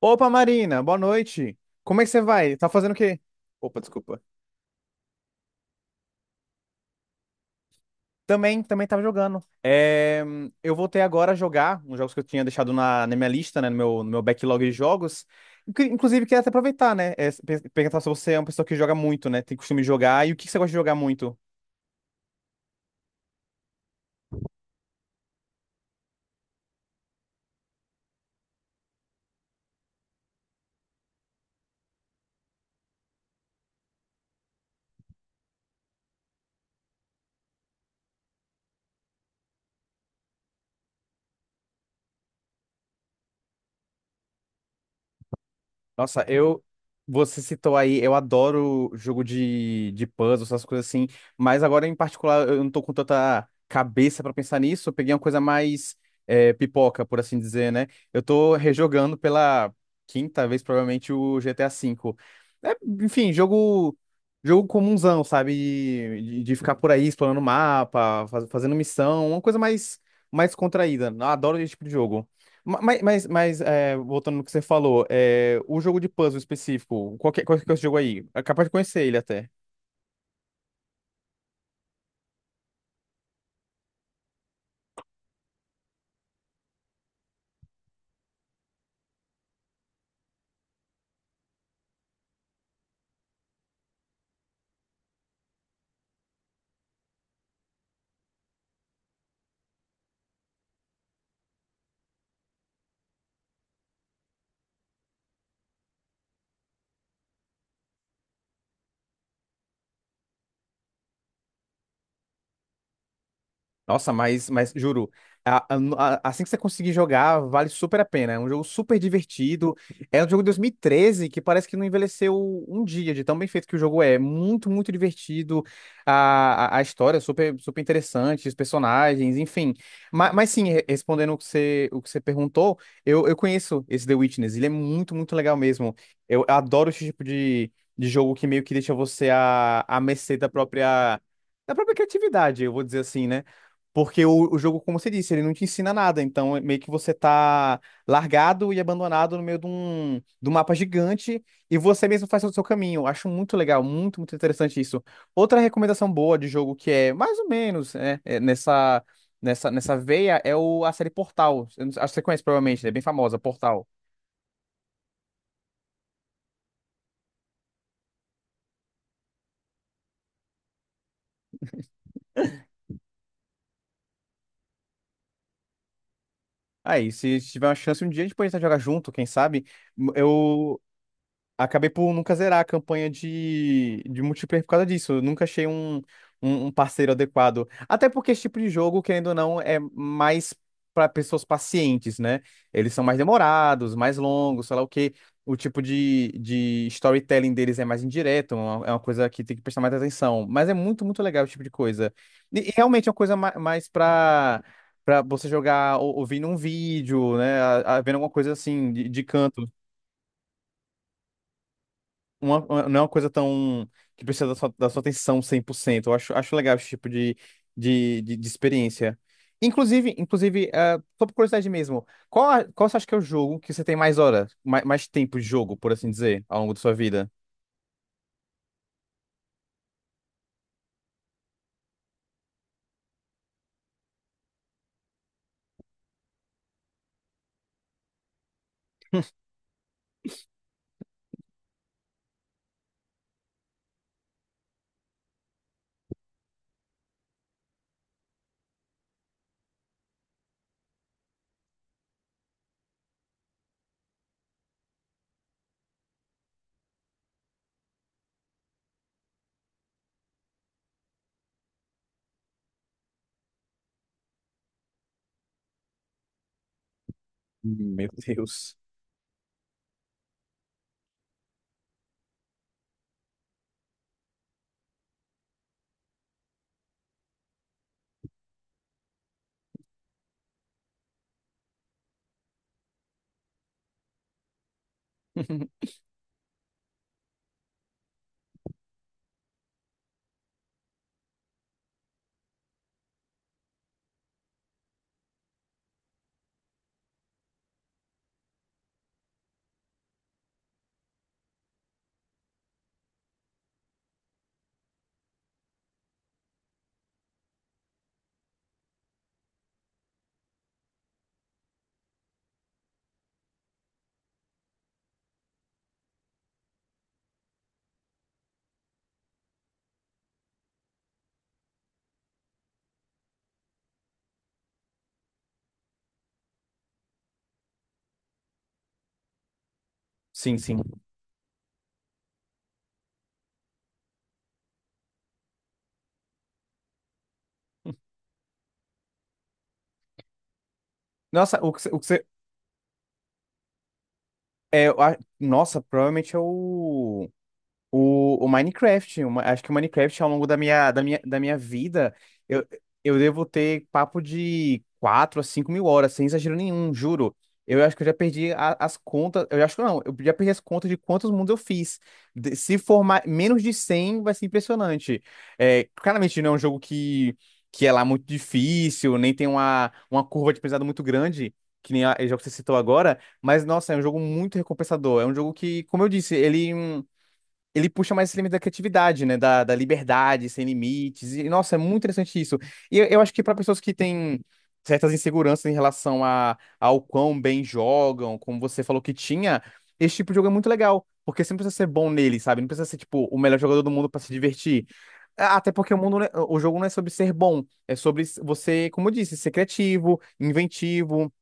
Opa, Marina, boa noite. Como é que você vai? Tá fazendo o quê? Opa, desculpa. Também tava jogando. É, eu voltei agora a jogar uns jogos que eu tinha deixado na minha lista, né, no meu backlog de jogos. Inclusive, queria até aproveitar, né, perguntar se você é uma pessoa que joga muito, né, tem costume de jogar, e o que que você gosta de jogar muito? Nossa, eu. Você citou aí, eu adoro jogo de puzzle, essas coisas assim, mas agora em particular eu não tô com tanta cabeça pra pensar nisso, eu peguei uma coisa mais pipoca, por assim dizer, né? Eu tô rejogando pela quinta vez, provavelmente, o GTA 5. É, enfim, jogo comunzão, sabe? De ficar por aí explorando o mapa, fazendo missão, uma coisa mais contraída. Eu adoro esse tipo de jogo. Mas voltando no que você falou, o jogo de puzzle específico, qual que é esse jogo aí? É capaz de conhecer ele até. Nossa, mas juro, assim que você conseguir jogar, vale super a pena. É um jogo super divertido. É um jogo de 2013 que parece que não envelheceu um dia, de tão bem feito que o jogo é. Muito, muito divertido. A história é super, super interessante, os personagens, enfim. Mas sim, respondendo o que você perguntou, eu conheço esse The Witness. Ele é muito, muito legal mesmo. Eu adoro esse tipo de jogo que meio que deixa você à mercê da própria criatividade, eu vou dizer assim, né? Porque o jogo, como você disse, ele não te ensina nada. Então, é meio que você tá largado e abandonado no meio de um mapa gigante e você mesmo faz o seu caminho. Acho muito legal, muito, muito interessante isso. Outra recomendação boa de jogo que é mais ou menos né, é nessa veia é a série Portal. Eu não- Acho que você conhece provavelmente, né? É bem famosa, Portal. Aí, se tiver uma chance um dia, a gente pode tentar jogar junto, quem sabe? Eu, Acabei por nunca zerar a campanha de multiplayer por causa disso. Eu nunca achei um parceiro adequado. Até porque esse tipo de jogo, querendo ou não, é mais para pessoas pacientes, né? Eles são mais demorados, mais longos, sei lá o quê. O tipo de storytelling deles é mais indireto, é uma coisa que tem que prestar mais atenção. Mas é muito, muito legal esse tipo de coisa. E realmente é uma coisa mais para você jogar ouvindo um vídeo, né? Vendo alguma coisa assim, de canto não é uma coisa tão que precisa da sua atenção 100%. Eu acho legal esse tipo de experiência. Inclusive, ah, só por curiosidade mesmo, qual você acha que é o jogo que você tem mais horas, mais tempo de jogo, por assim dizer, ao longo da sua vida? Meu Deus. Sim, sim. Nossa, É, nossa, provavelmente é o. O Minecraft, acho que o Minecraft ao longo da minha, da minha vida, eu, eu devo ter papo de 4 a 5 mil horas, sem exagero nenhum, juro. Eu acho que eu já perdi as contas, eu acho que não, eu já perdi as contas de quantos mundos eu fiz. Se for menos de 100, vai ser impressionante. É, claramente não é um jogo que é lá muito difícil, nem tem uma curva de aprendizado muito grande, que nem o jogo que você citou agora, mas nossa, é um jogo muito recompensador. É um jogo que, como eu disse, ele puxa mais esse limite da criatividade, né? Da liberdade, sem limites. E, nossa, é muito interessante isso. E eu acho que para pessoas que têm certas inseguranças em relação ao quão bem jogam, como você falou que tinha, esse tipo de jogo é muito legal. Porque você não precisa ser bom nele, sabe? Não precisa ser, tipo, o melhor jogador do mundo para se divertir. Até porque o mundo, não é- o jogo não é sobre ser bom, é sobre você, como eu disse, ser criativo, inventivo,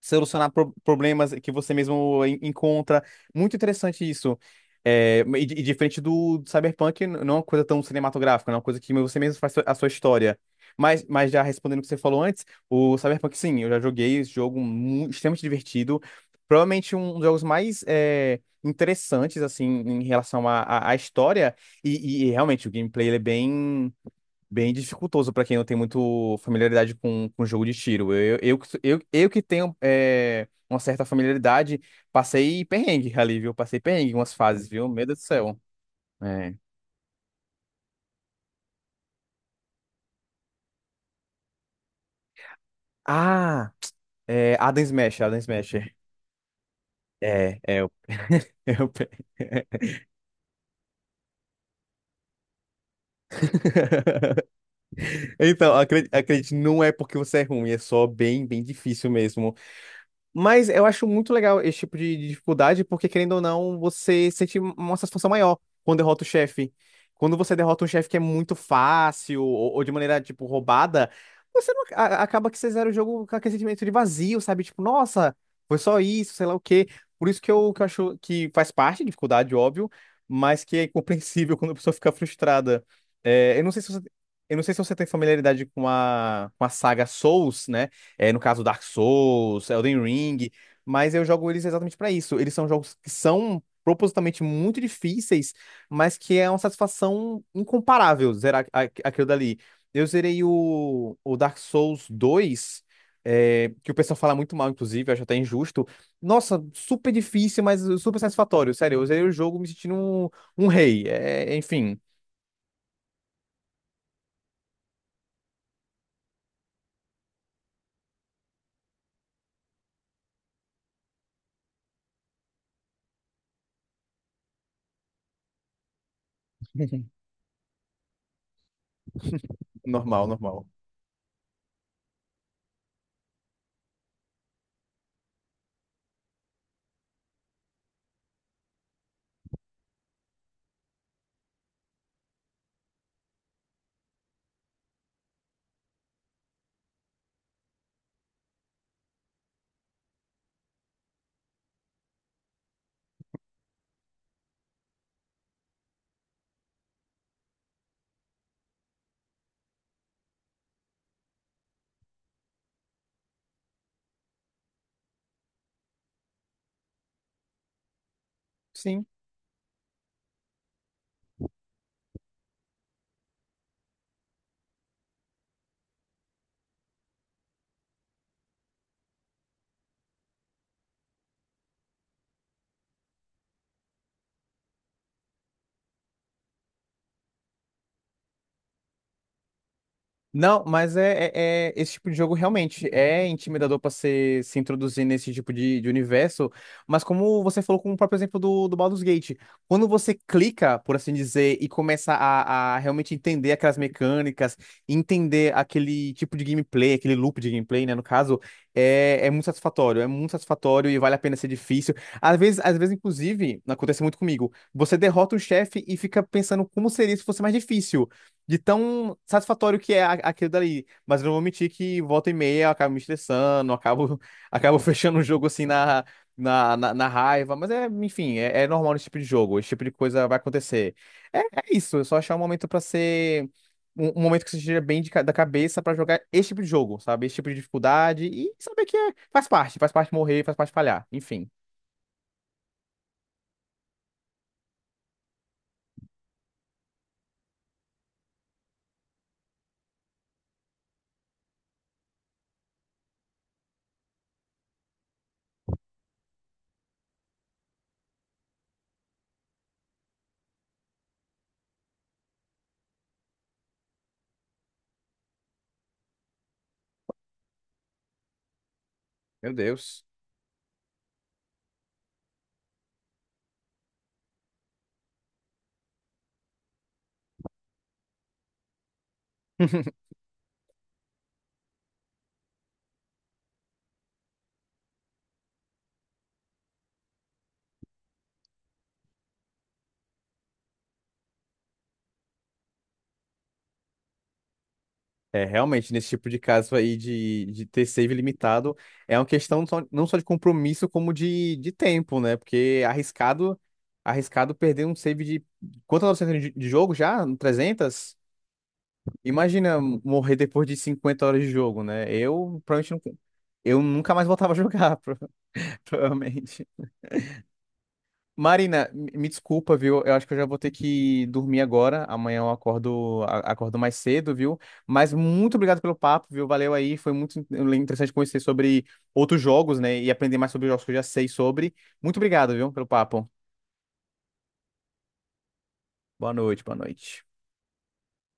solucionar problemas que você mesmo encontra. Muito interessante isso. É, e diferente do Cyberpunk, não é uma coisa tão cinematográfica, não é uma coisa que você mesmo faz a sua história. Mas já respondendo o que você falou antes, o Cyberpunk, sim, eu já joguei esse jogo extremamente divertido. Provavelmente um dos jogos mais interessantes, assim, em relação à história. E realmente o gameplay ele é bem dificultoso pra quem não tem muito familiaridade com jogo de tiro. Eu que tenho uma certa familiaridade, passei perrengue ali, viu? Passei perrengue em umas fases, viu? Meu Deus do céu. É. Ah, é, Adam Smash, Adam Smash. É, eu... Então, acredite, acredite, não é porque você é ruim, é só bem, bem difícil mesmo. Mas eu acho muito legal esse tipo de dificuldade, porque querendo ou não, você sente uma satisfação maior quando derrota o chefe. Quando você derrota um chefe que é muito fácil ou de maneira, tipo, roubada, você não, a- acaba que você zera o jogo com aquele sentimento de vazio, sabe? Tipo, nossa, foi só isso, sei lá o quê. Por isso que eu acho que faz parte, de dificuldade, óbvio, mas que é compreensível quando a pessoa fica frustrada. É, eu não sei se você, eu não sei se você tem familiaridade com a saga Souls, né? É, no caso, Dark Souls, Elden Ring, mas eu jogo eles exatamente pra isso. Eles são jogos que são propositalmente muito difíceis, mas que é uma satisfação incomparável zerar aquilo dali. Eu zerei o Dark Souls 2, que o pessoal fala muito mal, inclusive, eu acho até injusto. Nossa, super difícil, mas super satisfatório. Sério, eu zerei o jogo me sentindo um rei. É, enfim, normal, normal. Sim. Não, mas esse tipo de jogo realmente é intimidador para se introduzir nesse tipo de universo. Mas como você falou com o próprio exemplo do Baldur's Gate, quando você clica, por assim dizer, e começa a realmente entender aquelas mecânicas, entender aquele tipo de gameplay, aquele loop de gameplay, né, no caso, é muito satisfatório, é muito satisfatório e vale a pena ser difícil. Às vezes, inclusive, acontece muito comigo, você derrota um chefe e fica pensando como seria se fosse mais difícil de tão satisfatório que é aquilo dali. Mas eu não vou mentir que volta e meia eu acabo me estressando, acabo fechando o jogo assim na, na raiva. Mas enfim, é normal nesse tipo de jogo, esse tipo de coisa vai acontecer. É isso, é só achar um momento pra ser. Um momento que você esteja bem de da cabeça pra jogar esse tipo de jogo, sabe? Esse tipo de dificuldade e saber que faz faz parte morrer, faz parte falhar, enfim. Meu Deus. É, realmente, nesse tipo de caso aí de ter save limitado, é uma questão não só de compromisso, como de tempo, né? Porque arriscado perder um save de quantas horas você tem de jogo já? 300. Imagina morrer depois de 50 horas de jogo, né? Eu provavelmente nunca, eu nunca mais voltava a jogar, provavelmente. Marina, me desculpa, viu? Eu acho que eu já vou ter que dormir agora. Amanhã eu acordo mais cedo, viu? Mas muito obrigado pelo papo, viu? Valeu aí. Foi muito interessante conhecer sobre outros jogos, né? E aprender mais sobre os jogos que eu já sei sobre. Muito obrigado, viu, pelo papo. Boa noite, boa noite.